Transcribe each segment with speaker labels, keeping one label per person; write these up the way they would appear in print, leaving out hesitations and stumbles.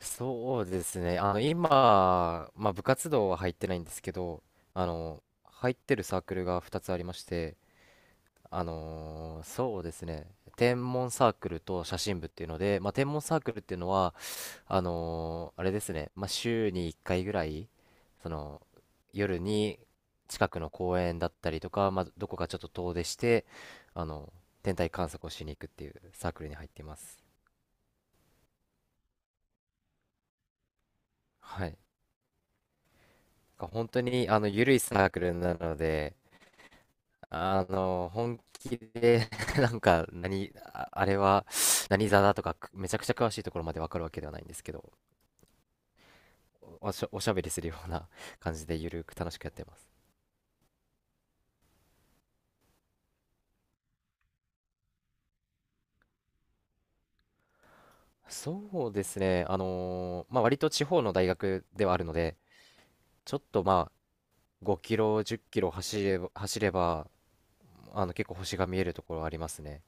Speaker 1: そうですね。今、まあ、部活動は入ってないんですけど、入ってるサークルが2つありまして、そうですね。天文サークルと写真部っていうので、まあ、天文サークルっていうのは、あれですね。まあ、週に1回ぐらい、その、夜に近くの公園だったりとか、まあ、どこかちょっと遠出して、あの、天体観測をしに行くっていうサークルに入っています。はい。なんか本当に緩いサークルなので、本気で なんかあれは何座だとかめちゃくちゃ詳しいところまでわかるわけではないんですけど、おしゃべりするような 感じで緩く楽しくやってます。そうですね、まあ割と地方の大学ではあるので、ちょっとまあ5キロ、10キロ走れば結構星が見えるところありますね。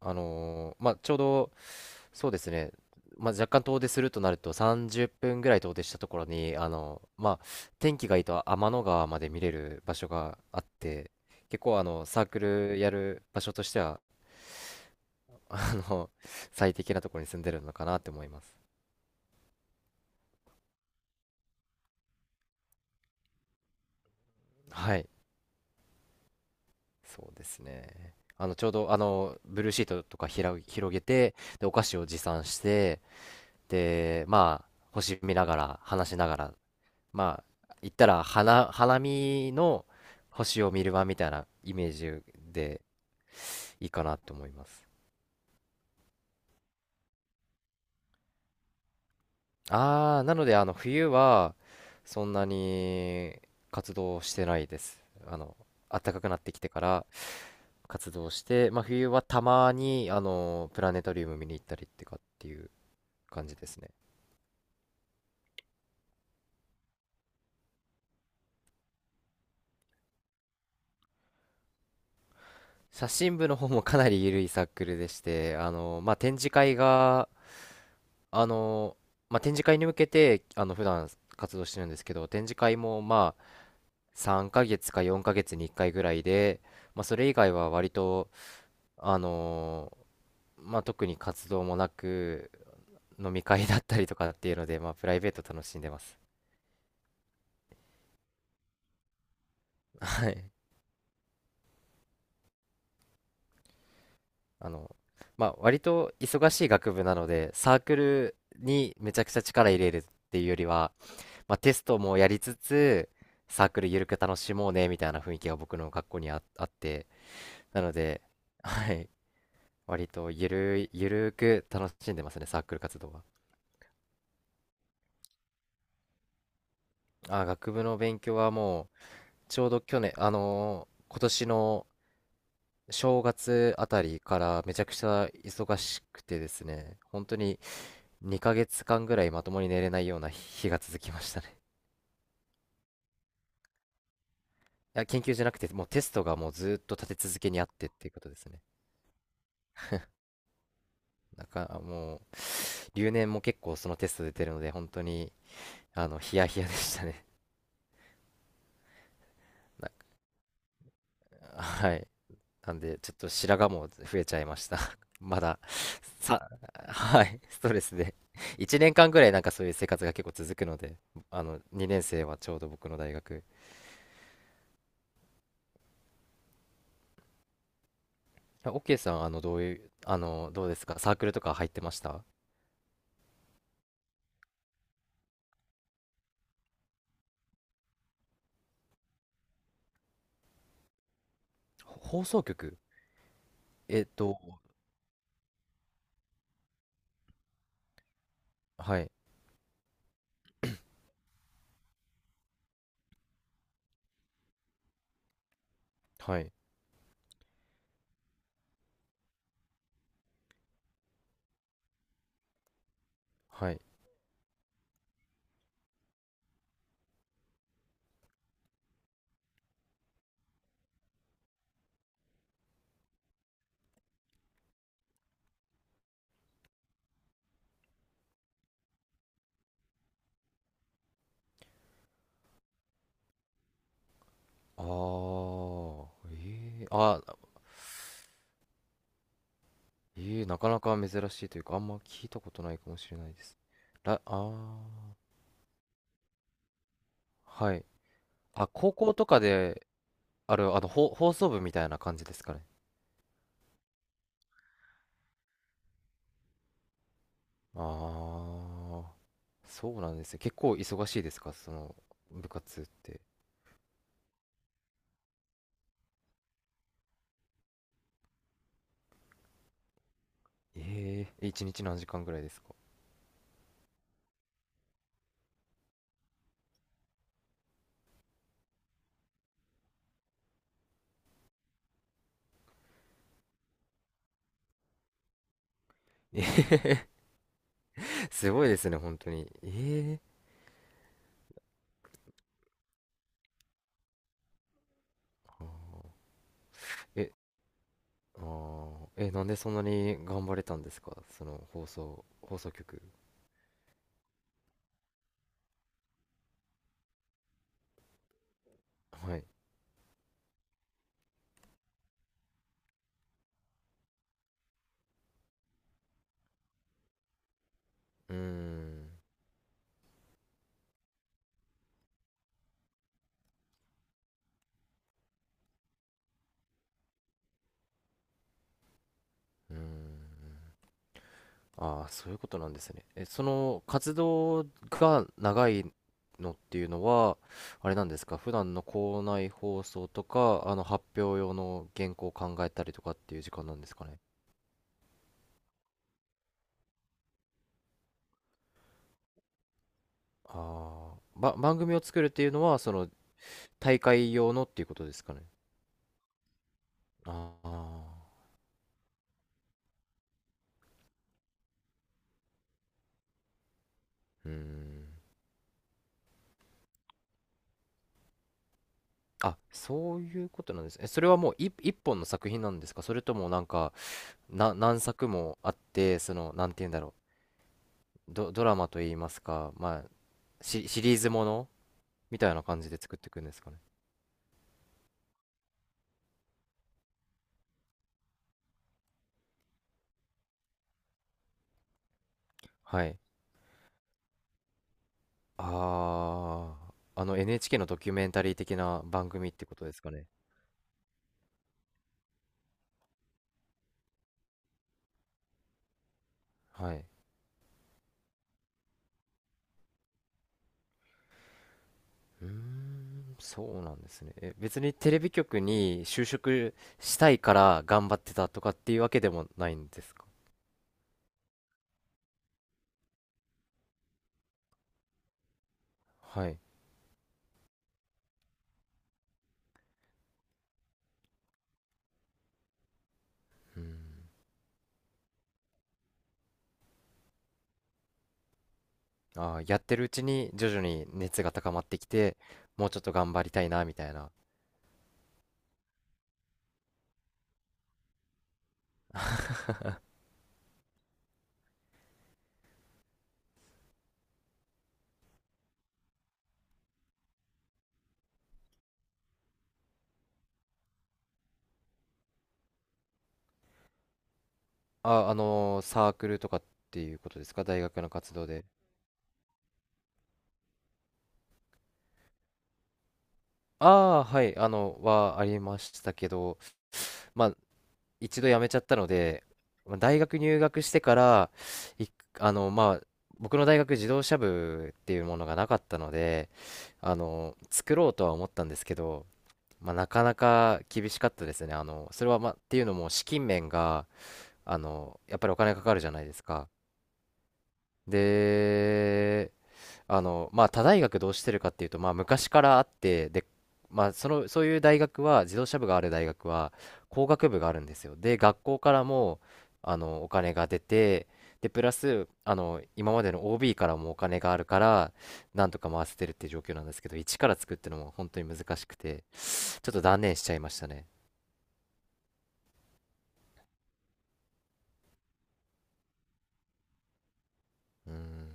Speaker 1: まあ、ちょうど、そうですね、まあ、若干遠出するとなると30分ぐらい遠出したところに、まあ、天気がいいと天の川まで見れる場所があって、結構サークルやる場所としては、あの最適なところに住んでるのかなって思います。はい、そうですね。ちょうどブルーシートとか広げて、でお菓子を持参して、で、まあ、星見ながら、話しながらまあ言ったら花見の星を見る場みたいなイメージでいいかなと思います。ああ、なので冬はそんなに活動してないです。あの暖かくなってきてから活動して、まあ、冬はたまにプラネタリウム見に行ったりっていう感じですね。写真部の方もかなり緩いサークルでして、まあ、展示会があのまあ、展示会に向けて、普段活動してるんですけど、展示会も、まあ、3ヶ月か4ヶ月に1回ぐらいで、まあ、それ以外は割と、あのまあ、特に活動もなく、飲み会だったりとかっていうので、まあ、プライベート楽しんでます。はい。あの、まあ、割と忙しい学部なので、サークルにめちゃくちゃ力入れるっていうよりは、まあ、テストもやりつつ、サークルゆるく楽しもうね、みたいな雰囲気が僕の学校にあって、なので、はい、割とゆるーく楽しんでますね、サークル活動は。あ、学部の勉強はもう、ちょうど去年、今年の正月あたりからめちゃくちゃ忙しくてですね、本当に2ヶ月間ぐらいまともに寝れないような日が続きましたね。いや、研究じゃなくて、もうテストがもうずーっと立て続けにあってっていうことですね。なんか、もう、留年も結構そのテスト出てるので、本当に、ヒヤヒヤでしたね。なんか、はい。なんで、ちょっと白髪も増えちゃいました。まだ、さ、はい、ストレスで。1年間ぐらいなんかそういう生活が結構続くので、2年生はちょうど僕の大学。オッケーさん、どういう、どうですか？サークルとか入ってました？放送局？えっと、はい、はい、はい。あー、えー、なかなか珍しいというか、あんま聞いたことないかもしれないです。あー、はい。あ、高校とかで、あれあの、放送部みたいな感じですかね。ああ、そうなんですね。結構忙しいですか、その部活って。ええ、一日何時間ぐらいですか。ええ、 すごいですね、本当に。ええ、あーえ、なんでそんなに頑張れたんですか、その放送局。はい。うーん、うーん。ああ、そういうことなんですね。え、その活動が長いのっていうのは、あれなんですか、普段の校内放送とか、発表用の原稿を考えたりとかっていう時間なんですかね。ああ、番組を作るっていうのは、その大会用のっていうことですかね。ああ、うーん。あ、そういうことなんですね。え、それはもう一本の作品なんですか？それともなんか、何作もあって、なんて言うんだろう。ドラマと言いますか、まあ、シリーズものみたいな感じで作っていくんですかね。はい。ああ、NHK のドキュメンタリー的な番組ってことですかね。はい。うーん、そうなんですね。え、別にテレビ局に就職したいから頑張ってたとかっていうわけでもないんですか？はい。うん。ああ、やってるうちに徐々に熱が高まってきて、もうちょっと頑張りたいな、みたいな。あ、サークルとかっていうことですか？大学の活動で。ああ、はい、はありましたけど、まあ、一度辞めちゃったので、まあ大学入学してから、いまあ、僕の大学自動車部っていうものがなかったので、作ろうとは思ったんですけど、まあ、なかなか厳しかったですね。それは、まあ、っていうのも資金面が、やっぱりお金かかるじゃないですか。で、まあ、他大学どうしてるかっていうと、まあ、昔からあって、で、まあ、そういう大学は、自動車部がある大学は、工学部があるんですよ。で、学校からも、お金が出て、で、プラス、今までの OB からもお金があるから、なんとか回せてるっていう状況なんですけど、一から作ってのも本当に難しくて、ちょっと断念しちゃいましたね。うん。